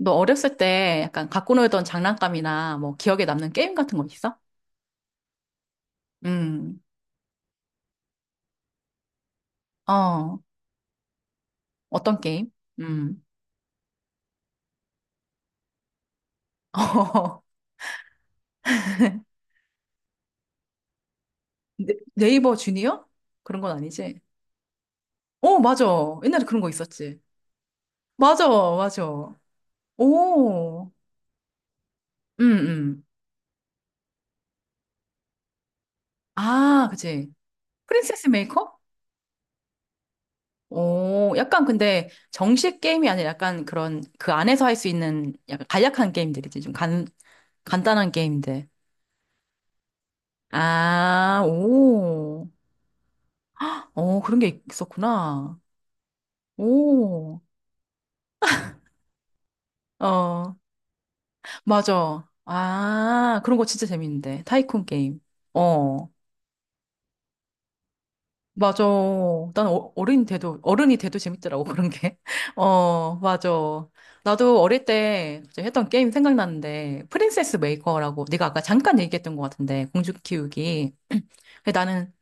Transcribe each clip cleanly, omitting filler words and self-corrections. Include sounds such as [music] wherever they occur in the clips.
너 어렸을 때 약간 갖고 놀던 장난감이나 뭐 기억에 남는 게임 같은 거 있어? 음, 어, 어떤 게임? 음, [laughs] 어, 네, 네이버 주니어? 그런 건 아니지? 어, 맞아. 옛날에 그런 거 있었지. 맞아, 맞아. 오, 음, 음. 아, 그치. 프린세스 메이커? 오, 약간 근데 정식 게임이 아니라 약간 그런 그 안에서 할 수 있는 약간 간략한 게임들이지. 좀 간, 간단한 게임들. 아, 오. 어, 그런 게 있었구나. 오, 어, 맞아. 아, 그런 거 진짜 재밌는데. 타이쿤 게임. 어, 맞아. 난 어, 어른이 돼도, 어른이 돼도 재밌더라고, 그런 게. [laughs] 어, 맞아. 나도 어릴 때 갑자기 했던 게임 생각나는데, 프린세스 메이커라고, 네가 아까 잠깐 얘기했던 것 같은데, 공주 키우기. [clears throat] 근데 나는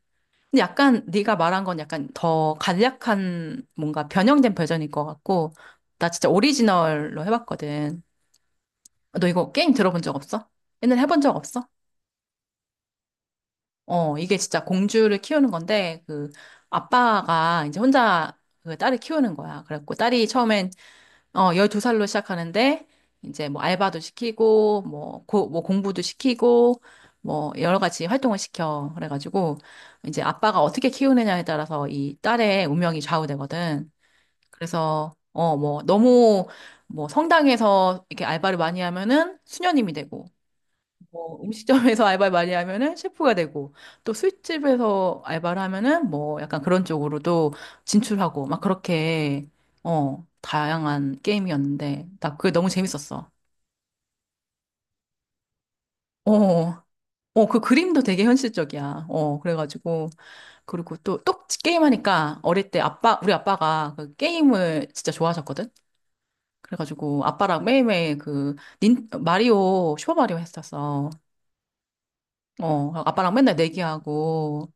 근데 약간 네가 말한 건 약간 더 간략한 뭔가 변형된 버전일 것 같고 나 진짜 오리지널로 해봤거든. 너 이거 게임 들어본 적 없어? 옛날에 해본 적 없어? 어, 이게 진짜 공주를 키우는 건데, 그, 아빠가 이제 혼자 그 딸을 키우는 거야. 그래갖고 딸이 처음엔, 어, 12살로 시작하는데, 이제 뭐 알바도 시키고, 뭐, 고, 뭐 공부도 시키고, 뭐 여러 가지 활동을 시켜. 그래가지고, 이제 아빠가 어떻게 키우느냐에 따라서 이 딸의 운명이 좌우되거든. 그래서, 어, 뭐, 너무, 뭐 성당에서 이렇게 알바를 많이 하면은 수녀님이 되고, 뭐 음식점에서 [laughs] 알바를 많이 하면은 셰프가 되고 또 술집에서 알바를 하면은 뭐 약간 그런 쪽으로도 진출하고 막 그렇게 어 다양한 게임이었는데 나 그게 너무 재밌었어. 어. 어, 그 그림도 되게 현실적이야. 어, 그래가지고. 그리고 또, 또 게임하니까 어릴 때 아빠, 우리 아빠가 그 게임을 진짜 좋아하셨거든? 그래가지고 아빠랑 매일매일 그, 닌, 마리오, 슈퍼마리오 했었어. 어, 아빠랑 맨날 내기하고.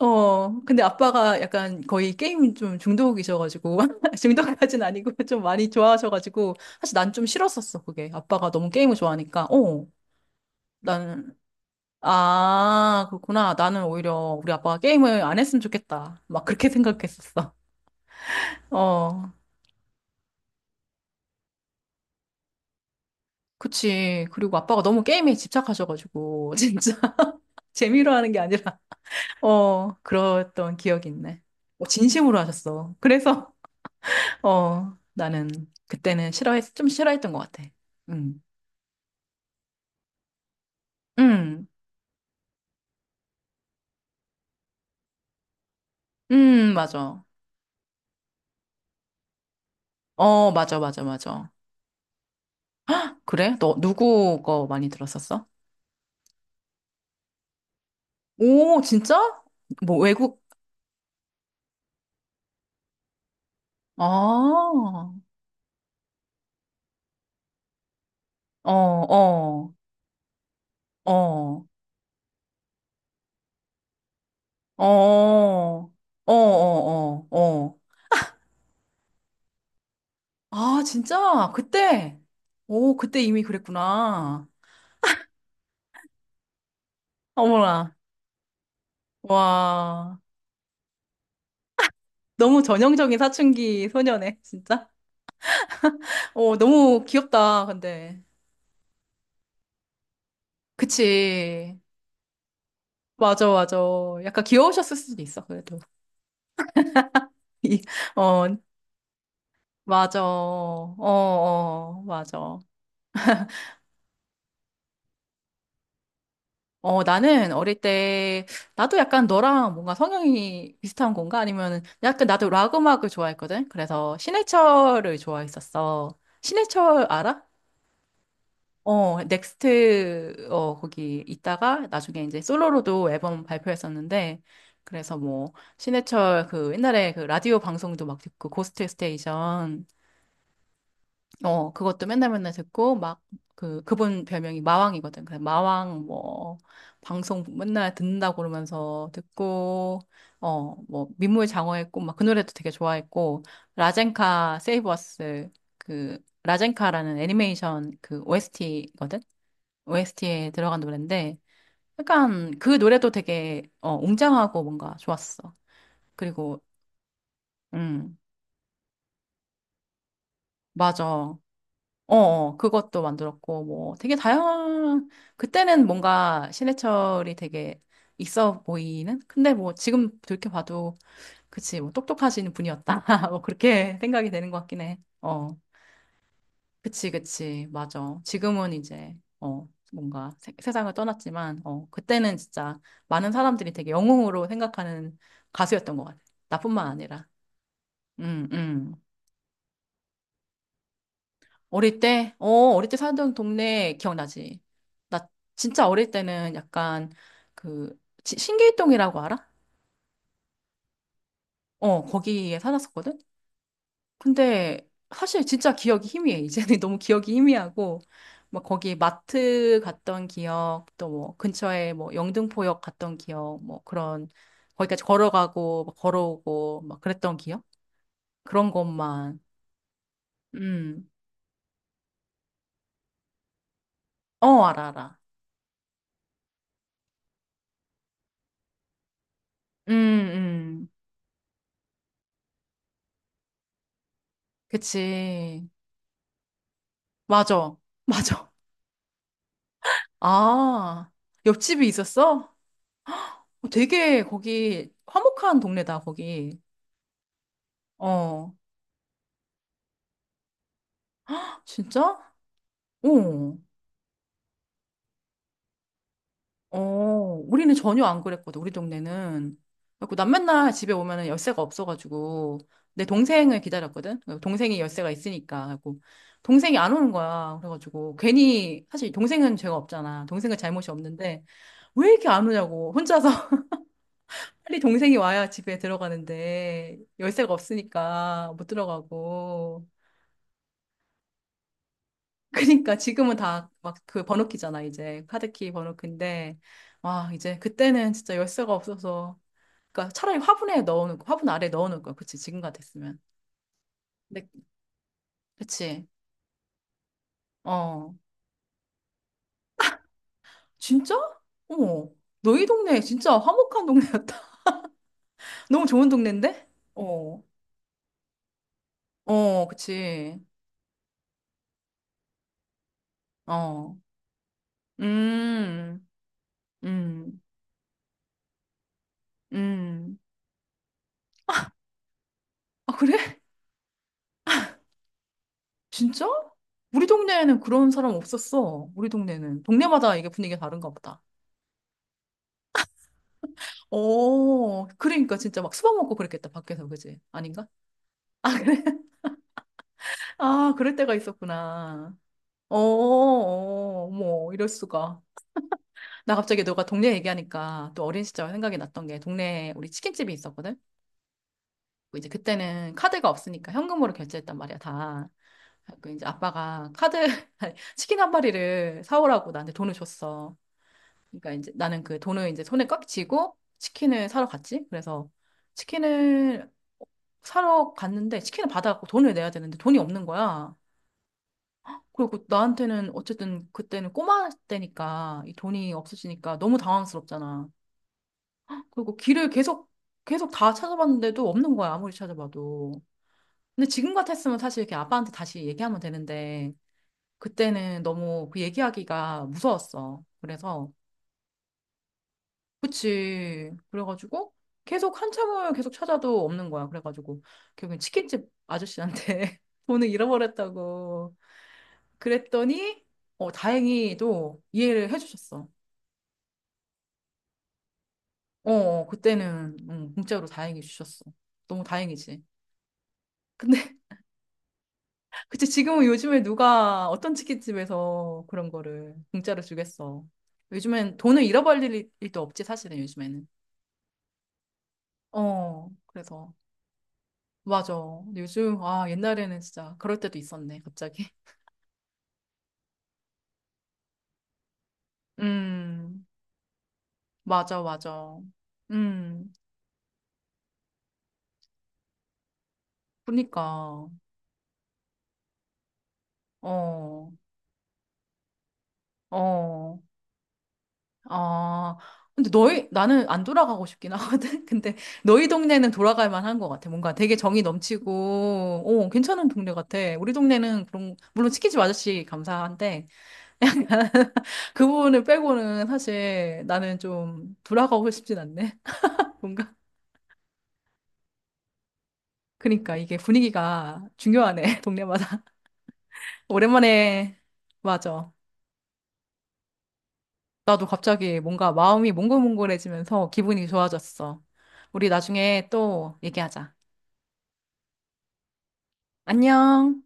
어, 근데 아빠가 약간 거의 게임 좀 중독이셔가지고, [laughs] 중독까진 아니고 좀 많이 좋아하셔가지고, 사실 난 좀 싫었었어, 그게. 아빠가 너무 게임을 좋아하니까. 어, 나는, 아, 그렇구나. 나는 오히려 우리 아빠가 게임을 안 했으면 좋겠다. 막 그렇게 [laughs] 생각했었어. 어, 그치. 그리고 아빠가 너무 게임에 집착하셔가지고, [laughs] 진짜 재미로 하는 게 아니라, 어, 그랬던 기억이 있네. 어, 진심으로 하셨어. 그래서, 어, 나는 그때는 싫어했, 좀 싫어했던 것 같아. 응, 응, 응, 맞아. 어, 맞아, 맞아, 맞아. 그래? 너 누구 거 많이 들었었어? 오, 진짜? 뭐 외국? 아, 어, 어, 어, 어, 어, 어, 어, 어. 아, 진짜? 그때? 오, 그때 이미 그랬구나. 어머나, 와, 너무 전형적인 사춘기 소녀네, 진짜. 어, 너무 귀엽다, 근데. 그치. 맞아, 맞아. 약간 귀여우셨을 수도 있어, 그래도. [laughs] 이, 어, 맞아. 어, 어, 맞아. 어, 나는 어릴 때, 나도 약간 너랑 뭔가 성향이 비슷한 건가? 아니면, 약간 나도 락 음악을 좋아했거든? 그래서 신해철을 좋아했었어. 신해철 알아? 어, 넥스트, 어, 거기 있다가 나중에 이제 솔로로도 앨범 발표했었는데, 그래서 뭐, 신해철 그 옛날에 그 라디오 방송도 막 듣고, 고스트 스테이션, 어, 그것도 맨날 맨날 듣고, 막, 그, 그분 별명이 마왕이거든. 그래서 마왕 뭐, 방송 맨날 듣는다고 그러면서 듣고, 어, 뭐, 민물 장어의 꿈, 막 그 노래도 되게 좋아했고, 라젠카 세이브 어스, 그, 라젠카라는 애니메이션 그 OST거든? OST에 들어간 노래인데 약간 그 노래도 되게 어, 웅장하고 뭔가 좋았어. 그리고 음 맞아. 어, 어 그것도 만들었고 뭐 되게 다양한 그때는 뭔가 신해철이 되게 있어 보이는 근데 뭐 지금 돌이켜봐도 그치 뭐 똑똑하신 분이었다 [laughs] 뭐 그렇게 생각이 되는 것 같긴 해. 어. 그치, 그치. 맞아. 지금은 이제, 어, 뭔가 세, 세상을 떠났지만, 어, 그때는 진짜 많은 사람들이 되게 영웅으로 생각하는 가수였던 것 같아. 나뿐만 아니라. 음, 음. 어릴 때, 어, 어릴 때 살던 동네 기억나지? 나 진짜 어릴 때는 약간 그, 지- 신길동이라고 알아? 어, 거기에 살았었거든? 근데 사실 진짜 기억이 희미해. 이제는 [laughs] 너무 기억이 희미하고, 막 거기 마트 갔던 기억, 또 뭐 근처에 뭐 영등포역 갔던 기억, 뭐 그런, 거기까지 걸어가고, 막 걸어오고, 막 그랬던 기억? 그런 것만. 음, 어, 알아, 알아. 음, 음. 그치. 맞아. [laughs] 맞아. 아, 옆집이 있었어? 어, 되게 거기 화목한 동네다, 거기. 어, 진짜? 어. 어, 우리는 전혀 안 그랬거든, 우리 동네는. 그래갖고 난 맨날 집에 오면은 열쇠가 없어가지고, 내 동생을 기다렸거든? 동생이 열쇠가 있으니까. 그래갖고, 동생이 안 오는 거야. 그래가지고, 괜히, 사실 동생은 죄가 없잖아. 동생은 잘못이 없는데, 왜 이렇게 안 오냐고. 혼자서 [laughs] 빨리 동생이 와야 집에 들어가는데, 열쇠가 없으니까 못 들어가고. 그러니까 지금은 다 막 그 번호키잖아, 이제. 카드키 번호키인데, 와, 이제 그때는 진짜 열쇠가 없어서, 그러니까 차라리 화분에 넣어놓고 화분 아래 넣어놓을 거야. 그치? 지금 같았으면. 근데 그치? 어. 진짜? 어머. 너희 동네 진짜 화목한 동네였다. [laughs] 너무 좋은 동네인데? 어. 어, 그치. 어. 음. 음. 음. 아, 그래? [laughs] 진짜? 우리 동네에는 그런 사람 없었어. 우리 동네는. 동네마다 이게 분위기가 다른가 보다. 어, 그러니까 진짜 막 수박 먹고 그랬겠다, 밖에서, 그지? 아닌가? 아, 그래? [laughs] 아, 그럴 때가 있었구나. 어, 어, 머 이럴 수가. 나 갑자기 너가 동네 얘기하니까 또 어린 시절 생각이 났던 게 동네에 우리 치킨집이 있었거든? 그 이제 그때는 카드가 없으니까 현금으로 결제했단 말이야, 다. 그 이제 아빠가 카드, [laughs] 아니, 치킨 한 마리를 사오라고 나한테 돈을 줬어. 그러니까 이제 나는 그 돈을 이제 손에 꽉 쥐고 치킨을 사러 갔지. 그래서 치킨을 사러 갔는데 치킨을 받아갖고 돈을 내야 되는데 돈이 없는 거야. 그리고 나한테는 어쨌든 그때는 꼬마 때니까 이 돈이 없어지니까 너무 당황스럽잖아. 그리고 길을 계속 계속 다 찾아봤는데도 없는 거야, 아무리 찾아봐도. 근데 지금 같았으면 사실 이렇게 아빠한테 다시 얘기하면 되는데 그때는 너무 그 얘기하기가 무서웠어. 그래서 그치. 그래가지고 계속 한참을 계속 찾아도 없는 거야. 그래가지고 결국엔 치킨집 아저씨한테 [laughs] 돈을 잃어버렸다고 그랬더니 어, 다행히도 이해를 해주셨어. 어, 어, 그때는 공짜로 다행히 주셨어. 너무 다행이지. 근데 [laughs] 그치 지금은 요즘에 누가 어떤 치킨집에서 그런 거를 공짜로 주겠어. 요즘엔 돈을 잃어버릴 일- 일도 없지 사실은 요즘에는. 어, 그래서 맞아. 근데 요즘 아 옛날에는 진짜 그럴 때도 있었네 갑자기. [laughs] 음, 맞아 맞아. 음, 그니까 어, 어. 아, 근데 너희, 나는 안 돌아가고 싶긴 하거든? [laughs] 근데 너희 동네는 돌아갈 만한 것 같아. 뭔가 되게 정이 넘치고, 어, 괜찮은 동네 같아. 우리 동네는 그런, 물론 치킨집 아저씨 감사한데, [laughs] 그분을 부 빼고는 사실 나는 좀 돌아가고 싶진 않네. [laughs] 뭔가. 그러니까 이게 분위기가 중요하네, [laughs] 동네마다. 오랜만에, 맞아. 나도 갑자기 뭔가 마음이 몽글몽글해지면서 기분이 좋아졌어. 우리 나중에 또 얘기하자. 안녕.